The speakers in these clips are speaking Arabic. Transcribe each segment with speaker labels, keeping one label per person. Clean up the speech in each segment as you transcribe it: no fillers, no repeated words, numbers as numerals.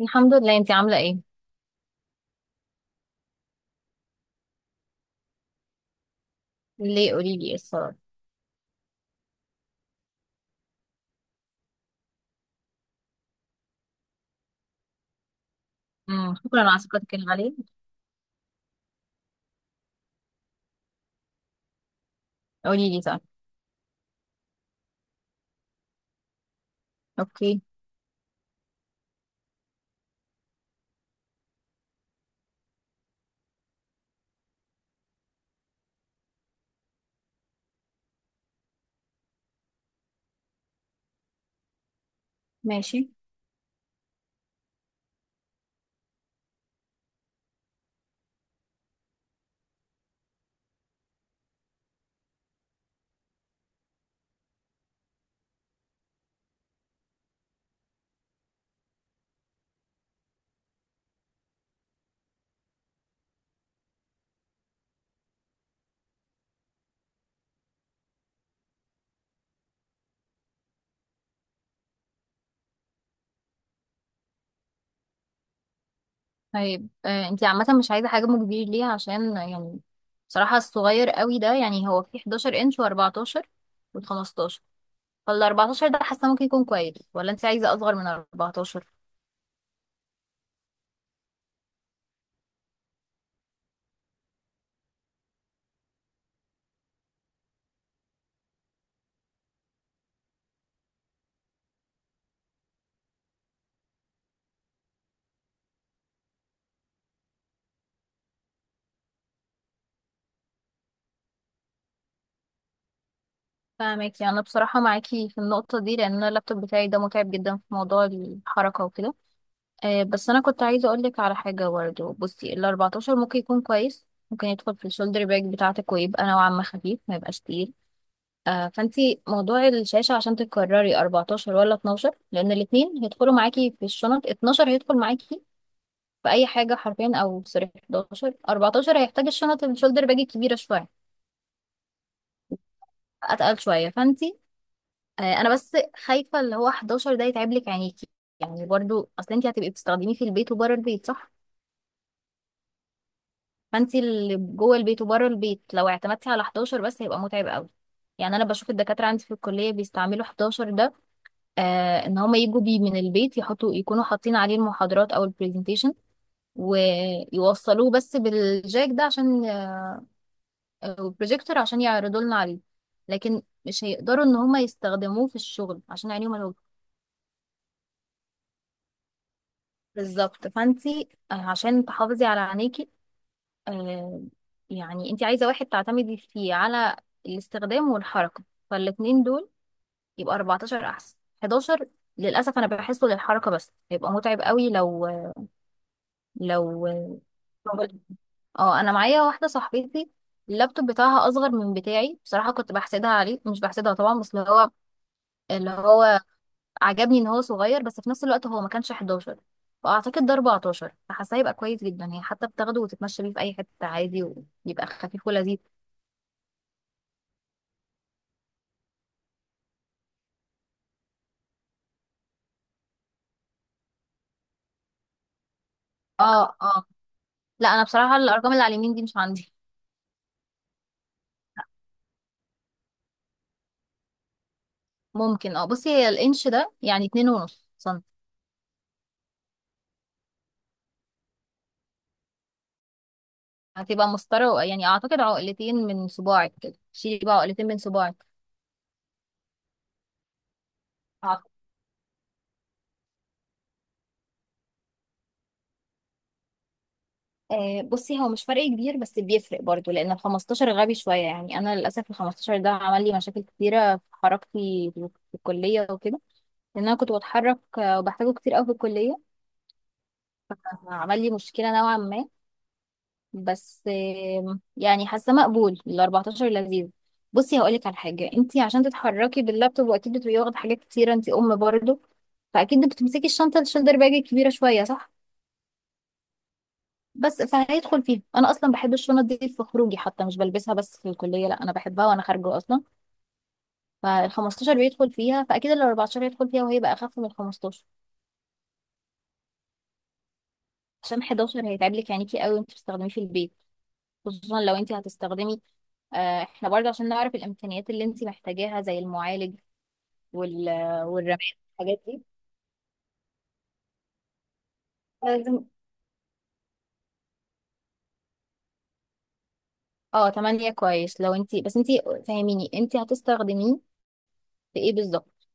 Speaker 1: الحمد لله، انتي عاملة ايه؟ ليه قولي لي ايه الصراحة؟ شكرا على ثقتك الغالية. قولي لي صح. اوكي ماشي. طيب، انتي عامة مش عايزة حجم كبير ليه؟ عشان يعني بصراحة الصغير قوي ده، يعني هو في 11 انش و14 وال15. فال 14 ده حاسة ممكن يكون كويس، ولا انتي عايزة اصغر من 14؟ فاهمك. يعني انا بصراحة معاكي في النقطة دي لان أنا اللابتوب بتاعي ده متعب جدا في موضوع الحركة وكده. بس انا كنت عايزه اقول لك على حاجه برضه. بصي ال 14 ممكن يكون كويس، ممكن يدخل في الشولدر باج بتاعتك ويبقى نوعا ما خفيف، ما يبقاش تقيل. فانتي موضوع الشاشه، عشان تكرري 14 ولا 12، لان الاثنين هيدخلوا معاكي في الشنط. 12 هيدخل معاكي في اي حاجه حرفيا، او سوري 11. 14 هيحتاج الشنط الشولدر باج الكبيره شويه، اتقل شويه. فانتي انا بس خايفه اللي هو 11 ده يتعب لك عينيكي. يعني برضو اصل انتي هتبقي بتستخدميه في البيت وبره البيت، صح؟ فانت اللي جوه البيت وبره البيت، لو اعتمدتي على 11 بس هيبقى متعب قوي. يعني انا بشوف الدكاتره عندي في الكليه بيستعملوا 11 ده. ان هم يجوا بيه من البيت، يحطوا يكونوا حاطين عليه المحاضرات او البرزنتيشن ويوصلوه بس بالجاك ده عشان البروجيكتور، عشان يعرضوا لنا عليه. لكن مش هيقدروا ان هم يستخدموه في الشغل عشان عينيهم الوجه. بالظبط، فانت عشان تحافظي على عينيكي، آه، يعني انت عايزة واحد تعتمدي فيه على الاستخدام والحركة. فالاتنين دول، يبقى 14 احسن. 11 للأسف أنا بحسه للحركة بس، هيبقى متعب قوي لو لو اه، أنا معايا واحدة صاحبتي اللابتوب بتاعها أصغر من بتاعي. بصراحة كنت بحسدها عليه، مش بحسدها طبعا، بس اللي هو عجبني إن هو صغير، بس في نفس الوقت هو ما كانش 11، فأعتقد ده 14. فحاسة هيبقى كويس جدا، هي حتى بتاخده وتتمشى بيه في أي حتة عادي، ويبقى خفيف ولذيذ. اه، اه. لا، انا بصراحه الارقام اللي على اليمين دي مش عندي. ممكن، اه. بصي هي الانش ده يعني اتنين ونص سنتي، هتبقى مسطره يعني. اعتقد عقلتين من صباعك كده. شيلي بقى عقلتين من صباعك، أعتقد. بصي هو مش فرق كبير، بس بيفرق برضو لان ال 15 غبي شويه. يعني انا للاسف ال 15 ده عمل لي مشاكل كتيره في حركتي في الكليه وكده، لان انا كنت بتحرك، وبحتاجه كتير قوي في الكليه. عمل لي مشكله نوعا ما. بس يعني حاسه مقبول ال 14 لذيذ. بصي هقولك على حاجه: انت عشان تتحركي باللابتوب، واكيد بتبقي واخده حاجات كتيره انت برضه، فاكيد بتمسكي الشنطه الشولدر باج الكبيره شويه، صح؟ بس فهيدخل فيها. انا اصلا بحب الشنط دي في خروجي حتى، مش بلبسها بس في الكليه، لا انا بحبها وانا خارجه اصلا. فال 15 بيدخل فيها، فاكيد ال 14 هيدخل فيها وهي بقى اخف من ال 15. عشان 11 هيتعب لك عينيكي قوي وانت بتستخدميه في البيت، خصوصا لو انت هتستخدمي. احنا برضه عشان نعرف الامكانيات اللي انت محتاجاها زي المعالج وال والرماد الحاجات دي لازم. اه، تمانية كويس لو انتي، بس انتي فاهميني انتي هتستخدميه في ايه بالظبط؟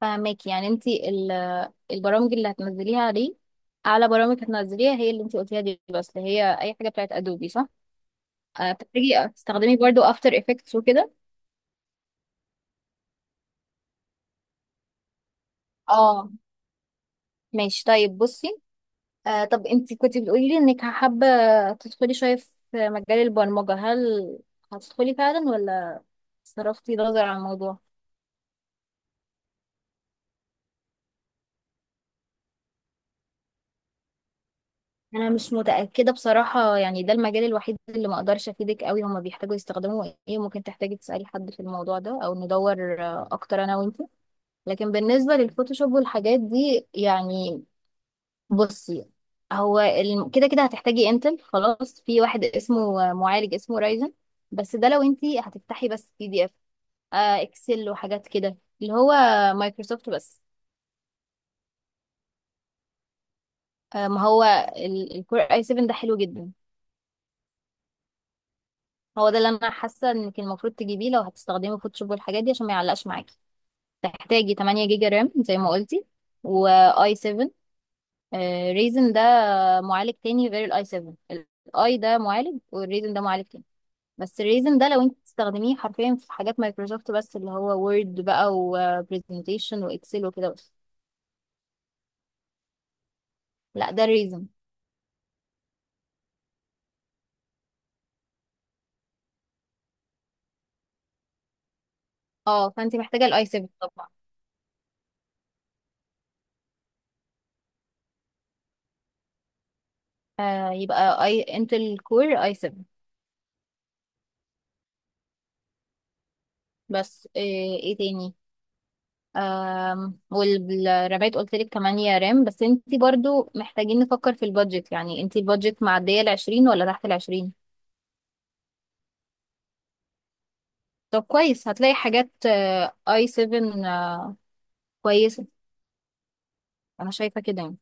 Speaker 1: فاهماكي. يعني انتي البرامج اللي هتنزليها دي، اعلى برامج هتنزليها هي اللي انتي قلتيها دي، بس اللي هي اي حاجة بتاعت ادوبي، صح؟ بتحتاجي تستخدمي برضو افتر افكتس وكده. اه، ماشي. طيب بصي، طب انتي كنتي بتقولي لي انك حابة تدخلي شوية في مجال البرمجة، هل هتدخلي فعلا ولا صرفتي نظر عن الموضوع؟ انا مش متاكده بصراحه. يعني ده المجال الوحيد اللي ما اقدرش افيدك قوي. هما بيحتاجوا يستخدموا ايه، ممكن تحتاجي تسالي حد في الموضوع ده او ندور اكتر انا وانت. لكن بالنسبه للفوتوشوب والحاجات دي يعني، بصي هو كده كده هتحتاجي انتل. خلاص، في واحد اسمه معالج اسمه رايزن. بس ده لو انت هتفتحي بس بي دي اف، اكسل وحاجات كده، اللي هو مايكروسوفت بس. ما هو الكور اي 7 ده حلو جدا. هو ده اللي انا حاسه انك المفروض تجيبيه لو هتستخدمي فوتوشوب والحاجات دي، عشان ما يعلقش معاكي. تحتاجي 8 جيجا رام زي ما قلتي، واي 7. ريزن ده معالج تاني غير الاي 7. الاي ده معالج والريزن ده معالج تاني. بس الريزن ده لو انت تستخدميه حرفيا في حاجات مايكروسوفت بس، اللي هو وورد بقى وبرزنتيشن واكسل وكده بس. لا، ده الريزن. اه، فانت محتاجه الاي 7 طبعا. يبقى اي انتل كور اي 7. بس ايه تاني؟ والرماد قلت لك 8 رام. بس انت برضو محتاجين نفكر في البادجت. يعني انت البادجت معدية ال 20 ولا تحت ال 20؟ طب كويس، هتلاقي حاجات اي 7 كويسة. انا شايفة كده يعني.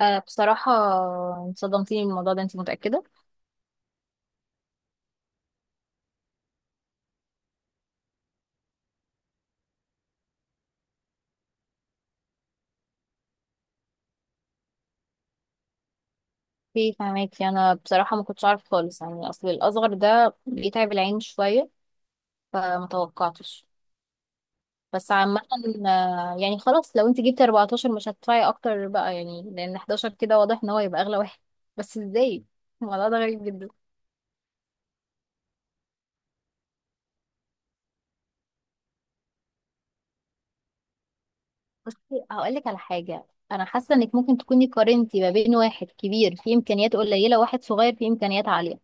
Speaker 1: بصراحة صدمتيني بالموضوع ده، انت متأكدة؟ فهماكي. انا بصراحة ما كنتش عارف خالص، يعني اصل الاصغر ده بيتعب العين شوية، فمتوقعتش. بس عامة يعني خلاص لو انت جبتي 14 مش هتدفعي اكتر بقى، يعني لان 11 كده واضح ان هو يبقى اغلى واحد. بس ازاي؟ الموضوع ده غريب جدا. بصي هقولك على حاجة: انا حاسة انك ممكن تكوني قارنتي ما بين واحد كبير فيه امكانيات قليلة وواحد صغير فيه امكانيات عالية.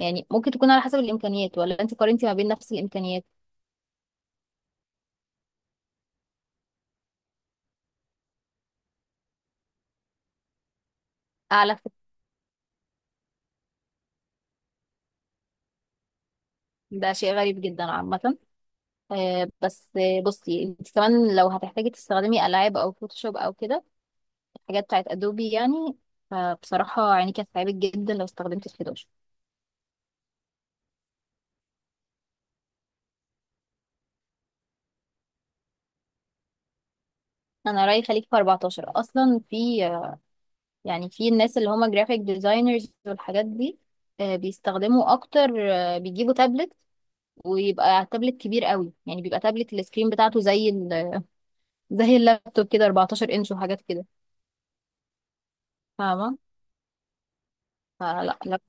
Speaker 1: يعني ممكن تكون على حسب الامكانيات، ولا انت قارنتي ما بين نفس الامكانيات؟ اعلى ده شيء غريب جدا عامة. بس بصي انت كمان لو هتحتاجي تستخدمي العاب او فوتوشوب او كده، حاجات بتاعت ادوبي يعني، فبصراحة عيني كانت تعبت جدا لو استخدمت ال 11. انا رأيي خليك في 14. اصلا في يعني في الناس اللي هما جرافيك ديزاينرز والحاجات دي، بيستخدموا اكتر. بيجيبوا تابلت، ويبقى تابلت كبير قوي. يعني بيبقى تابلت السكرين بتاعته زي زي اللابتوب كده، 14 انش وحاجات كده. فاهمة؟ فلا، لا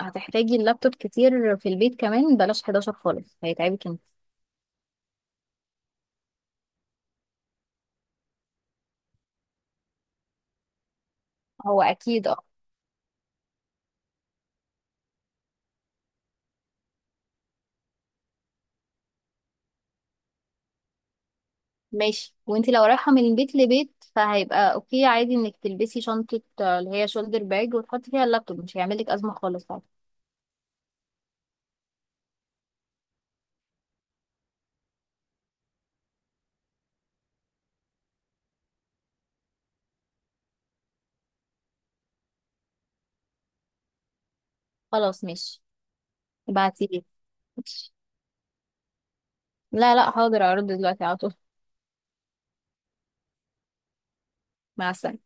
Speaker 1: هتحتاجي اللابتوب كتير في البيت كمان، بلاش 11 خالص هيتعبك انت. هو اكيد. ماشي. وانتي لو رايحة من بيت لبيت فهيبقى اوكي عادي، انك تلبسي شنطة اللي هي شولدر باج وتحطي فيها اللابتوب، مش هيعملك ازمة خالص، عادي. خلاص ماشي. ابعتيلي. ماشي. لا، لا، حاضر، اعرض دلوقتي على طول. مع السلامة.